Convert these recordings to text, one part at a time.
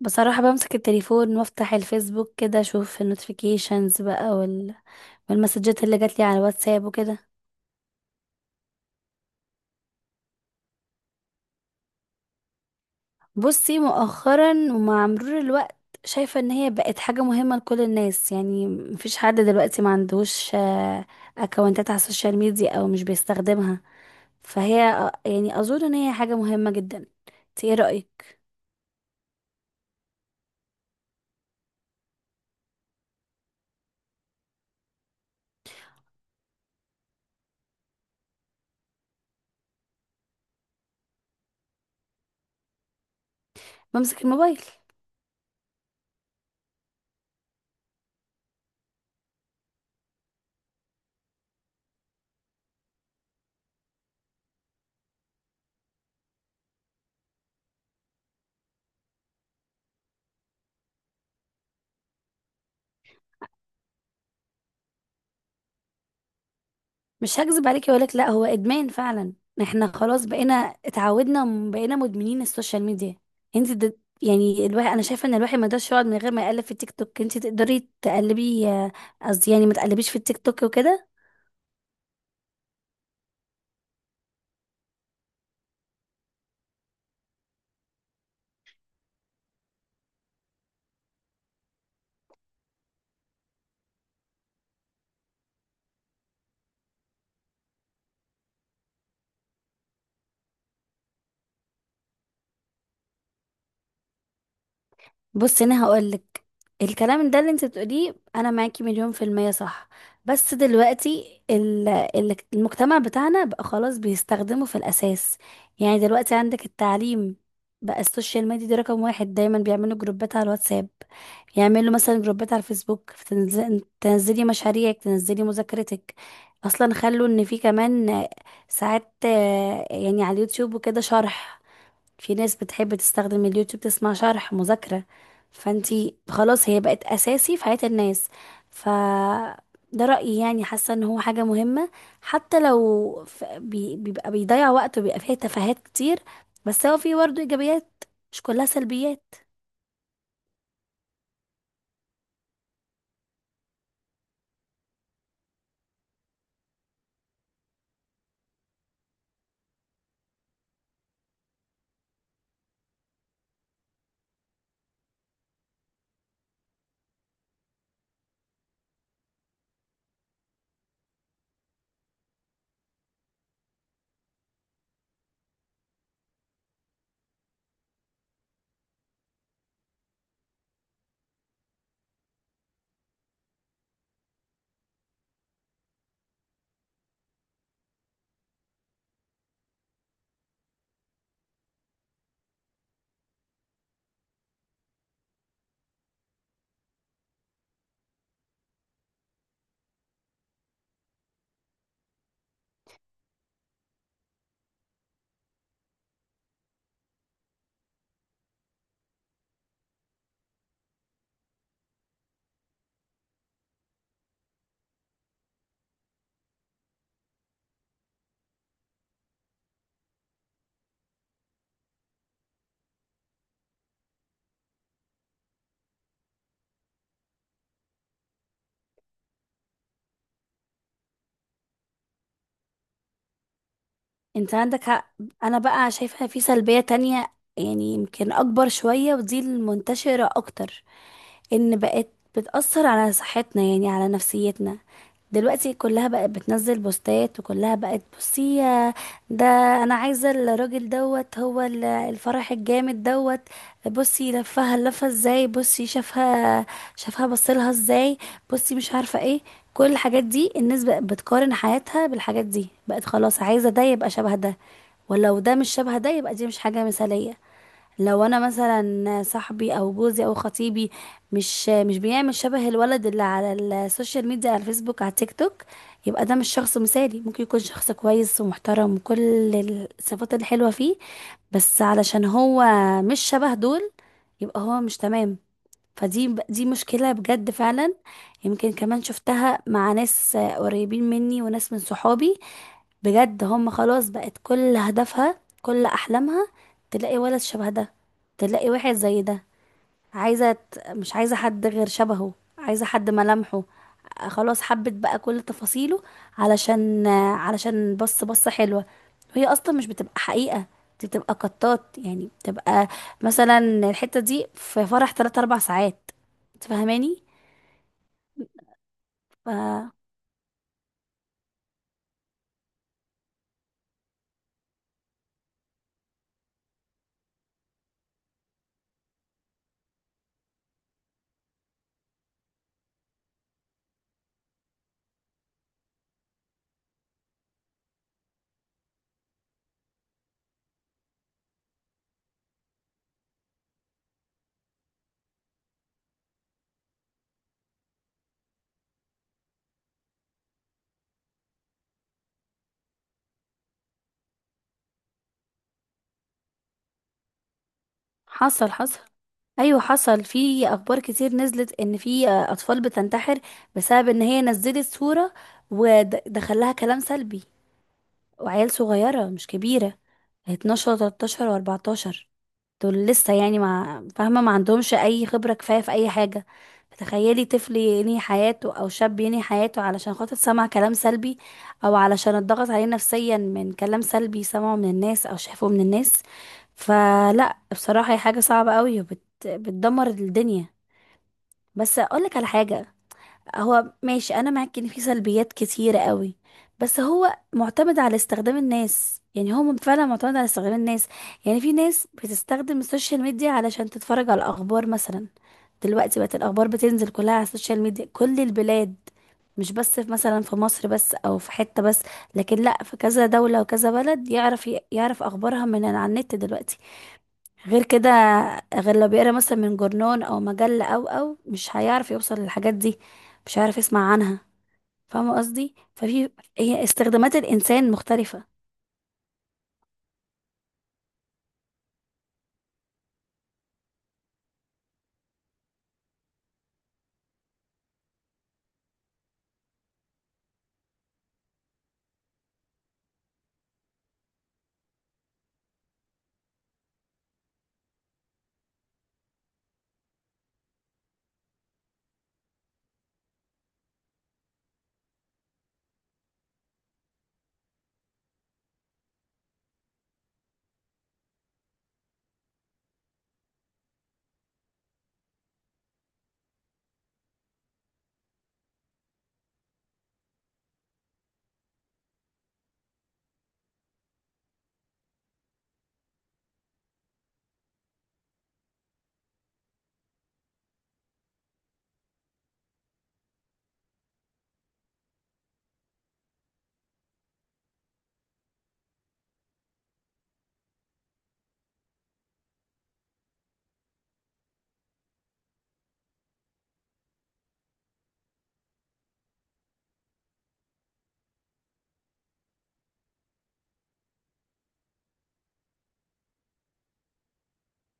بصراحة بمسك التليفون وافتح الفيسبوك كده، اشوف النوتيفيكيشنز بقى والمسجات اللي جاتلي على الواتساب وكده. بصي، مؤخرا ومع مرور الوقت شايفة ان هي بقت حاجة مهمة لكل الناس، يعني مفيش حد دلوقتي ما عندوش اكونتات على السوشيال ميديا او مش بيستخدمها. فهي يعني اظن ان هي حاجة مهمة جدا. انت ايه رأيك؟ بمسك الموبايل. مش هكذب عليكي واقول لك لا، هو ادمان فعلا. احنا خلاص بقينا، اتعودنا بقينا مدمنين السوشيال ميديا. يعني الواحد، انا شايفه ان الواحد ما يقدرش يقعد من غير ما يقلب في التيك توك، انت تقدري تقلبي قصدي يعني ما تقلبيش في التيك توك وكده. بصي انا هقولك، الكلام ده اللي انت بتقوليه انا معاكي مليون في المية صح، بس دلوقتي المجتمع بتاعنا بقى خلاص بيستخدمه في الاساس. يعني دلوقتي عندك التعليم، بقى السوشيال ميديا دي رقم واحد، دايما بيعملوا جروبات على الواتساب، يعملوا مثلا جروبات على الفيسبوك، تنزلي مشاريعك تنزلي مذاكرتك. اصلا خلوا ان في كمان ساعات يعني على اليوتيوب وكده شرح، في ناس بتحب تستخدم اليوتيوب تسمع شرح مذاكرة. فانتي خلاص هي بقت أساسي في حياة الناس. ف ده رأيي، يعني حاسة ان هو حاجة مهمة حتى لو بيبقى بيضيع وقت وبيبقى فيها تفاهات كتير، بس هو فيه برضه إيجابيات، مش كلها سلبيات. انت عندك حق. انا بقى شايفة في سلبية تانية، يعني يمكن اكبر شوية ودي المنتشرة اكتر، ان بقت بتأثر على صحتنا، يعني على نفسيتنا. دلوقتي كلها بقت بتنزل بوستات، وكلها بقت بصي يا ده، انا عايزة الراجل دوت، هو الفرح الجامد دوت، بصي لفها لفها ازاي، بصي شافها شافها بصلها ازاي، بصي مش عارفة ايه. كل الحاجات دي الناس بقت بتقارن حياتها بالحاجات دي، بقت خلاص عايزة ده يبقى شبه ده، ولو ده مش شبه ده يبقى دي مش حاجة مثالية. لو انا مثلا صاحبي او جوزي او خطيبي مش بيعمل شبه الولد اللي على السوشيال ميديا، على الفيسبوك، على التيك توك، يبقى ده مش شخص مثالي، ممكن يكون شخص كويس ومحترم وكل الصفات الحلوة فيه، بس علشان هو مش شبه دول، يبقى هو مش تمام. فدي مشكلة بجد فعلا. يمكن كمان شفتها مع ناس قريبين مني وناس من صحابي، بجد هم خلاص بقت كل هدفها كل احلامها تلاقي ولد شبه ده، تلاقي واحد زي ده، مش عايزه حد غير شبهه، عايزه حد ملامحه خلاص حبت بقى كل تفاصيله، علشان بص بصه حلوه، وهي اصلا مش بتبقى حقيقه، دي بتبقى قطات، يعني بتبقى مثلا الحته دي في فرح 3 4 ساعات. تفهماني؟ فحصل. ايوه حصل في اخبار كتير نزلت ان في اطفال بتنتحر بسبب ان هي نزلت صورة ودخل لها كلام سلبي، وعيال صغيرة مش كبيرة، 12 و13 و14، دول لسه يعني ما فاهمة، ما عندهمش أي خبرة كفاية في أي حاجة. فتخيلي طفل ينهي حياته أو شاب ينهي حياته علشان خاطر سمع كلام سلبي، أو علشان اتضغط عليه نفسيا من كلام سلبي سمعه من الناس أو شافه من الناس. فلا، بصراحة هي حاجة صعبة قوي بتدمر الدنيا. بس أقولك على حاجة، هو ماشي انا معاك ان في سلبيات كتيرة قوي، بس هو معتمد على استخدام الناس، يعني هو فعلا معتمد على استخدام الناس. يعني في ناس بتستخدم السوشيال ميديا علشان تتفرج على الاخبار مثلا. دلوقتي بقت الاخبار بتنزل كلها على السوشيال ميديا، كل البلاد، مش بس في مثلا في مصر بس او في حتة بس، لكن لا في كذا دولة وكذا بلد يعرف اخبارها من على النت دلوقتي. غير كده، غير لو بيقرا مثلا من جورنان او مجله او مش هيعرف يوصل للحاجات دي، مش هيعرف يسمع عنها. فاهمه قصدي؟ هي استخدامات الانسان مختلفه.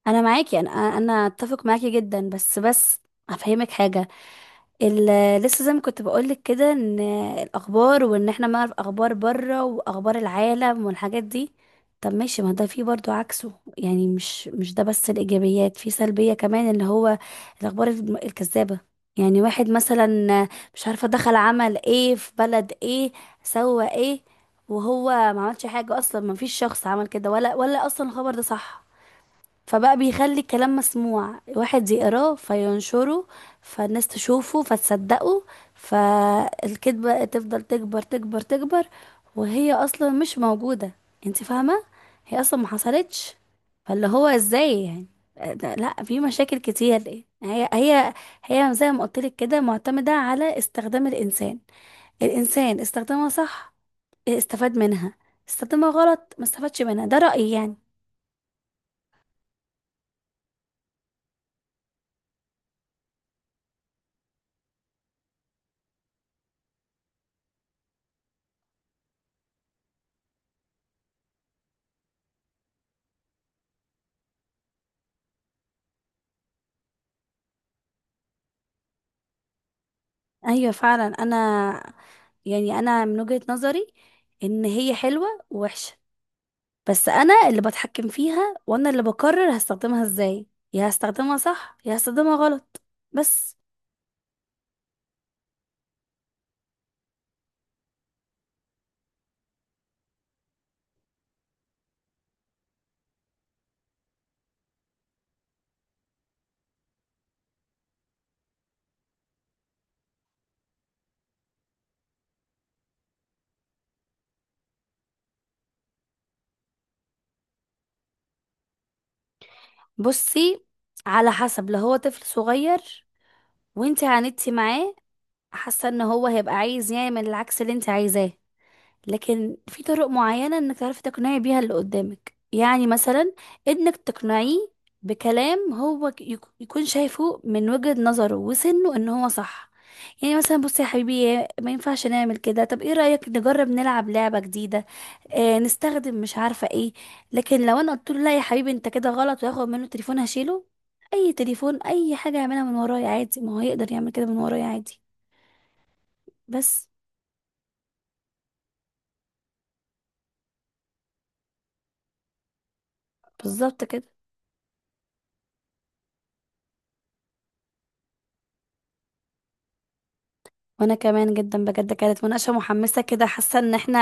انا معاكي، انا اتفق معاكي جدا، بس هفهمك حاجه. لسه زي ما كنت بقولك كده، ان الاخبار وان احنا نعرف اخبار بره واخبار العالم والحاجات دي، طب ماشي، ما ده فيه برضو عكسه، يعني مش ده بس الايجابيات، في سلبية كمان اللي هو الاخبار الكذابة، يعني واحد مثلا مش عارفة دخل عمل ايه في بلد ايه، سوى ايه، وهو ما عملش حاجة اصلا، ما فيش شخص عمل كده، ولا اصلا الخبر ده صح، فبقى بيخلي الكلام مسموع، واحد يقراه فينشره، فالناس تشوفه فتصدقه، فالكذبة تفضل تكبر تكبر تكبر، وهي اصلا مش موجودة، انت فاهمة؟ هي اصلا ما حصلتش. فاللي هو ازاي يعني لا، في مشاكل كتير، هي زي ما قلت لك كده، معتمدة على استخدام الانسان. الانسان استخدمها صح استفاد منها، استخدمها غلط ما استفادش منها. ده رأيي يعني. ايوه فعلا، يعني انا من وجهة نظري ان هي حلوة ووحشة، بس انا اللي بتحكم فيها وانا اللي بقرر هستخدمها ازاي، يا هستخدمها صح يا هستخدمها غلط. بس. بصي، على حسب، لو هو طفل صغير وانت عاندتي معاه، حاسه ان هو هيبقى عايز يعمل العكس اللي انت عايزاه. لكن في طرق معينة انك تعرفي تقنعي بيها اللي قدامك، يعني مثلا انك تقنعيه بكلام هو يكون شايفه من وجهة نظره وسنه ان هو صح. يعني مثلا بصي يا حبيبي، ما ينفعش نعمل كده، طب ايه رأيك نجرب نلعب لعبة جديدة نستخدم مش عارفة ايه. لكن لو انا قلت له لا يا حبيبي انت كده غلط، وياخد منه تليفون هشيله، اي تليفون اي حاجة يعملها من ورايا عادي، ما هو يقدر يعمل كده من ورايا عادي. بس. بالظبط كده. وانا كمان جدا، بجد كانت مناقشة محمسة كده، حاسة ان احنا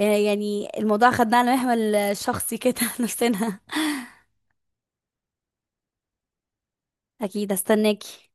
يعني الموضوع خدناه على محمل شخصي كده نفسنا. اكيد استناكي.